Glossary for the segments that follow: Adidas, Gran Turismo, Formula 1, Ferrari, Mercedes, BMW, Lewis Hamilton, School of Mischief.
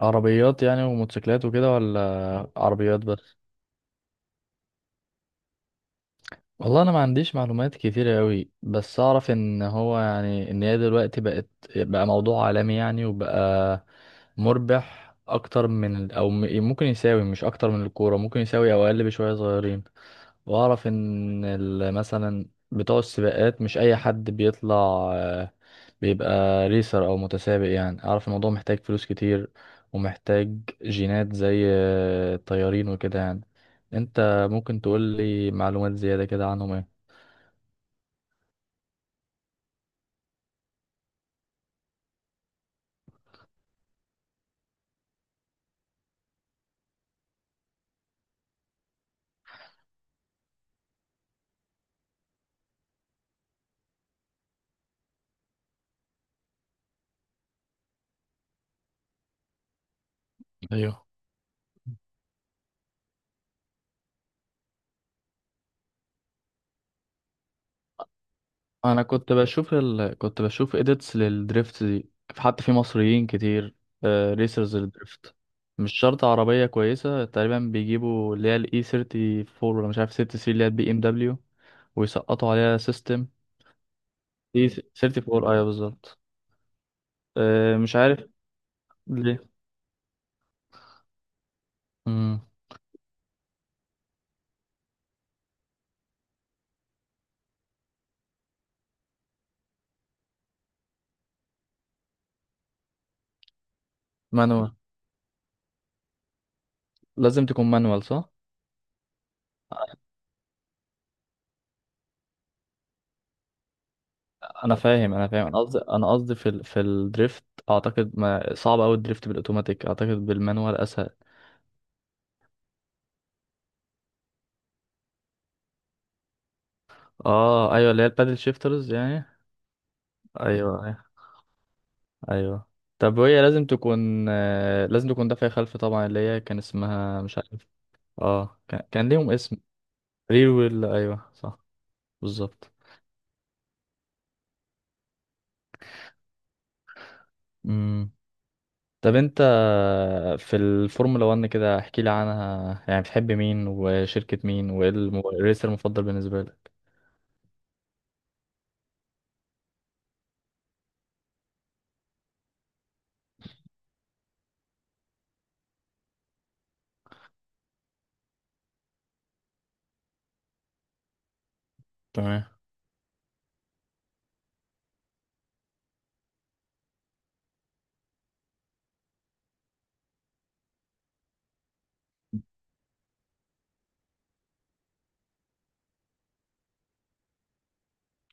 عربيات يعني وموتوسيكلات وكده، ولا عربيات بس؟ والله انا ما عنديش معلومات كتيرة قوي، بس اعرف ان هو يعني ان هي دلوقتي بقت بقى موضوع عالمي يعني، وبقى مربح اكتر من ال- او م- ممكن يساوي، مش اكتر من الكورة ممكن يساوي او اقل بشوية صغيرين. واعرف ان ال- مثلا بتوع السباقات مش اي حد بيطلع بيبقى ريسر او متسابق، يعني اعرف الموضوع محتاج فلوس كتير ومحتاج جينات زي الطيارين وكده يعني. انت ممكن تقول لي معلومات زيادة كده عنهم ايه؟ ايوه، انا كنت بشوف كنت بشوف اديتس للدريفت دي، حتى في مصريين كتير، ريسرز للدريفت. مش شرط عربية كويسة، تقريبا بيجيبوا اللي هي الاي 34 ولا مش عارف 6 سي اللي هي البي ام دبليو، ويسقطوا عليها سيستم. اي 34 ايوه بالظبط. مش عارف. امم مانوال، لازم تكون مانوال صح؟ انا فاهم انا فاهم، انا قصدي في في الدريفت. اعتقد ما صعب قوي الدريفت بالاوتوماتيك، اعتقد بالمانوال اسهل. اه ايوه، اللي هي البادل شيفترز يعني. ايوه، ايوه، ايوه. طب وهي لازم تكون لازم تكون دافعة خلف طبعا، اللي هي كان اسمها مش عارف. اه كان ليهم اسم. ريل ويل، ايوه صح، بالظبط. مم. طب انت في الفورمولا 1 كده، احكي لي عنها، يعني بتحب مين وشركة مين وايه الم- الريسر المفضل بالنسبة لك؟ تمام.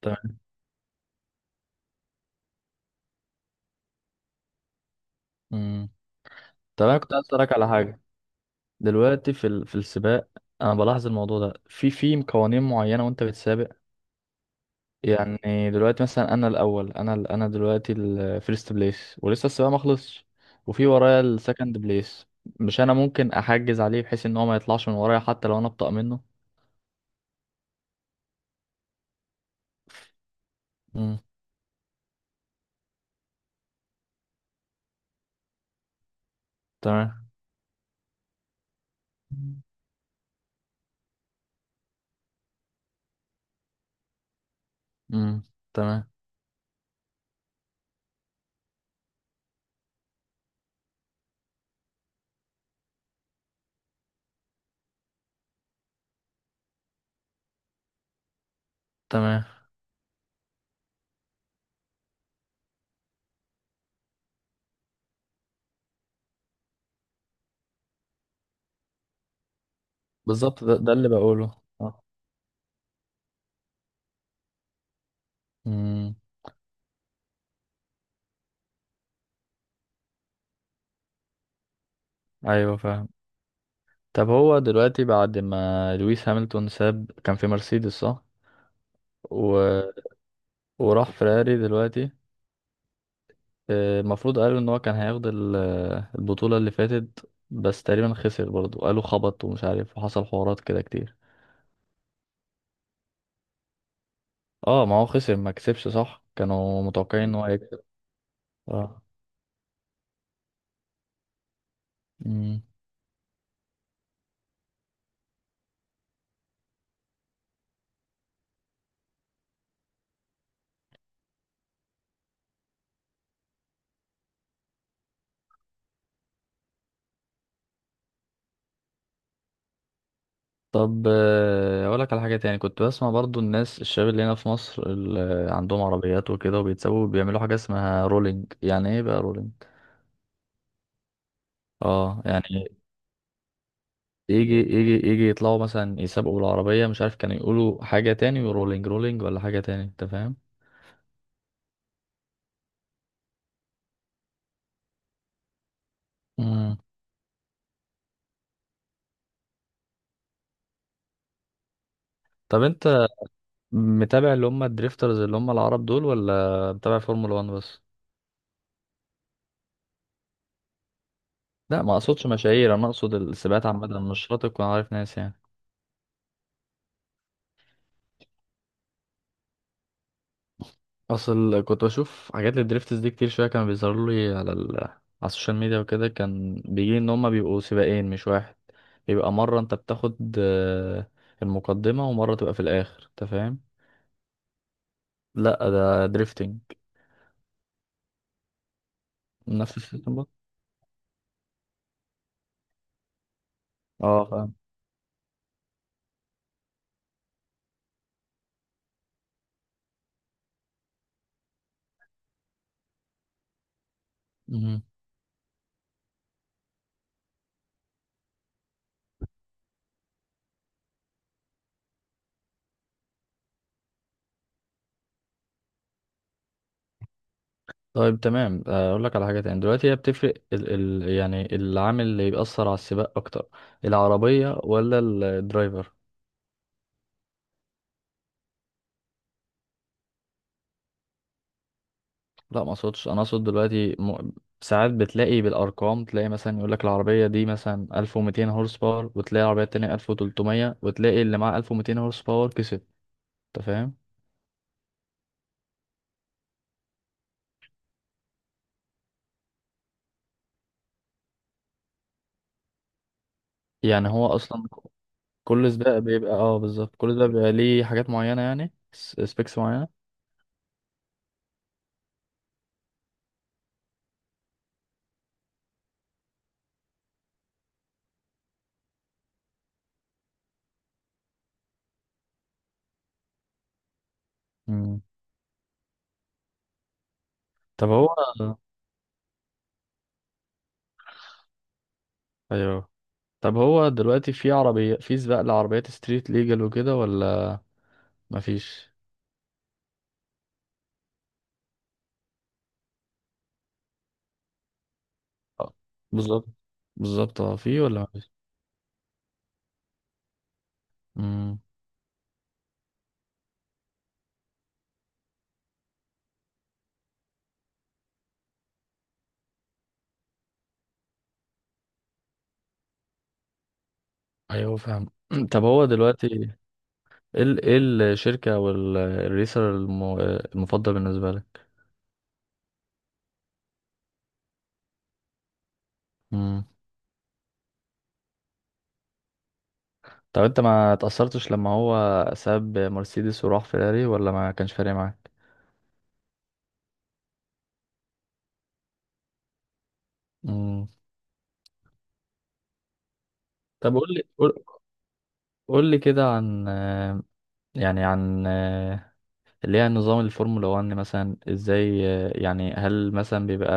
تمام. امم. طب انا كنت عايز اسالك على حاجة. دلوقتي في في السباق، انا بلاحظ الموضوع ده، في قوانين معينة وانت بتسابق. يعني دلوقتي مثلا انا الاول، انا انا دلوقتي الفيرست بليس ولسه السباق ما خلصش، وفي ورايا السكند بليس. مش انا ممكن احجز عليه بحيث ان هو ما يطلعش من ورايا، حتى لو انا ابطأ منه؟ امم. تمام. امم. تمام. تمام بالظبط، ده اللي بقوله. اه. امم. ايوه فاهم. طب هو دلوقتي بعد ما لويس هامilton ساب، كان في مرسيدس صح؟ و... وراح فراري دلوقتي. المفروض قالوا ان هو كان هياخد البطولة اللي فاتت، بس تقريبا خسر برضه، قالوا خبط ومش عارف وحصل حوارات كده كتير. اه ما هو خسر ما كسبش صح، كانوا متوقعين ان هو يكسب. اه. طب اقول لك على حاجه تاني. كنت بسمع برضو الناس الشباب اللي هنا في مصر اللي عندهم عربيات وكده وبيتسابوا بيعملوا حاجه اسمها رولينج، يعني ايه بقى رولينج؟ اه يعني يجي يطلعوا مثلا يسابقوا بالعربيه، مش عارف كانوا يقولوا حاجه تاني ورولينج رولينج ولا حاجه تاني، انت فاهم؟ امم. طب انت متابع اللي هم الدريفترز اللي هم العرب دول، ولا متابع فورمولا 1 بس؟ لا، ما اقصدش مشاهير، انا اقصد السباقات عامه، مش شرط تكون عارف ناس يعني. اصل كنت بشوف حاجات الدريفتس دي كتير شويه، كان بيظهروا لي على على السوشيال ميديا وكده. كان بيجي ان هما بيبقوا سباقين مش واحد، بيبقى مره انت بتاخد المقدمه، ومره تبقى في الاخر، انت فاهم؟ لا ده دريفتنج. نفس السيستم ده. اه فاهم. مهم. طيب تمام، اقول لك على حاجه تاني. دلوقتي هي بتفرق يعني العامل اللي بيأثر على السباق اكتر، العربيه ولا الدرايفر؟ لا، ما اقصدش، انا اقصد دلوقتي ساعات بتلاقي بالارقام، تلاقي مثلا يقول لك العربيه دي مثلا 1200 هورس باور، وتلاقي العربيه التانية 1300، وتلاقي اللي معاه 1200 هورس باور كسب، انت فاهم؟ يعني هو اصلا كل سباق بيبقى، اه بالظبط، كل سباق بيبقى ليه حاجات معينه، يعني سبيكس معينه. مم. طب هو، ايوه. طب هو دلوقتي في عربيه في سباق لعربيات ستريت ليجل وكده ولا مفيش؟ آه، بالظبط، بالظبط اه، في ولا مفيش؟ مم. ايوه فاهم. طب هو دلوقتي ايه ايه الشركة او الريسر الم- المفضل بالنسبة لك؟ مم. طب انت ما تأثرتش لما هو ساب مرسيدس وراح فيراري، ولا ما كانش فارق معاك؟ مم. طب قول لي، قول لي كده عن يعني عن آه، اللي هي نظام الفورمولا 1، مثلا ازاي يعني هل مثلا بيبقى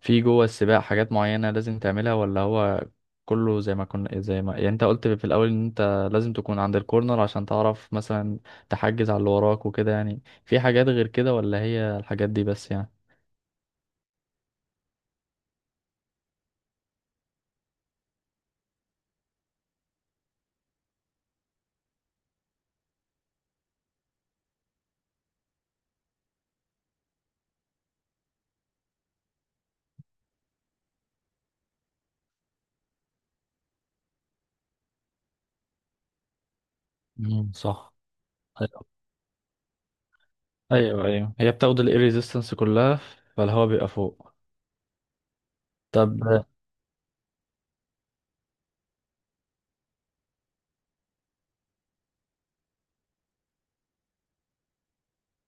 في جوه السباق حاجات معينة لازم تعملها، ولا هو كله زي ما يعني انت قلت في الأول ان انت لازم تكون عند الكورنر عشان تعرف مثلا تحجز على اللي وراك وكده، يعني في حاجات غير كده ولا هي الحاجات دي بس يعني؟ مم، صح. ايوه. ايوه، ايوه، هي بتاخد الاير ريزيستنس كلها، فالهواء بيبقى فوق. طب.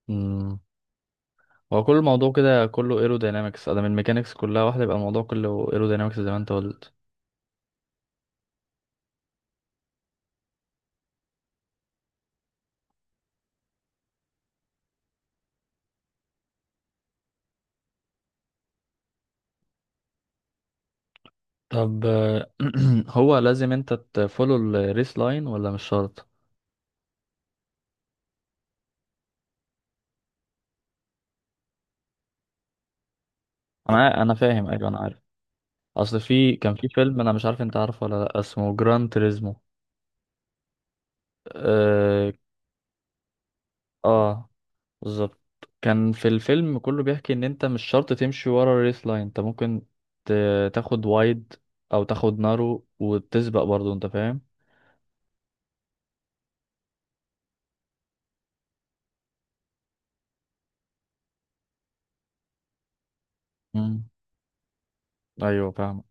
امم هو كل الموضوع كده كله ايروداينامكس ادام الميكانيكس كلها واحده؟ يبقى الموضوع كله ايروداينامكس زي ما انت قلت. طب هو لازم انت تفولو الريس لاين ولا مش شرط؟ انا فاهم، ايوه انا عارف. اصل في كان في فيلم انا مش عارف انت عارفه ولا لا، اسمه جران تريزمو. اه. آه بالظبط. كان في الفيلم كله بيحكي ان انت مش شرط تمشي ورا الريس لاين، انت ممكن تاخد وايد او تاخد نارو وتسبق برضو، انت فاهم؟ مم. ايوه فاهم.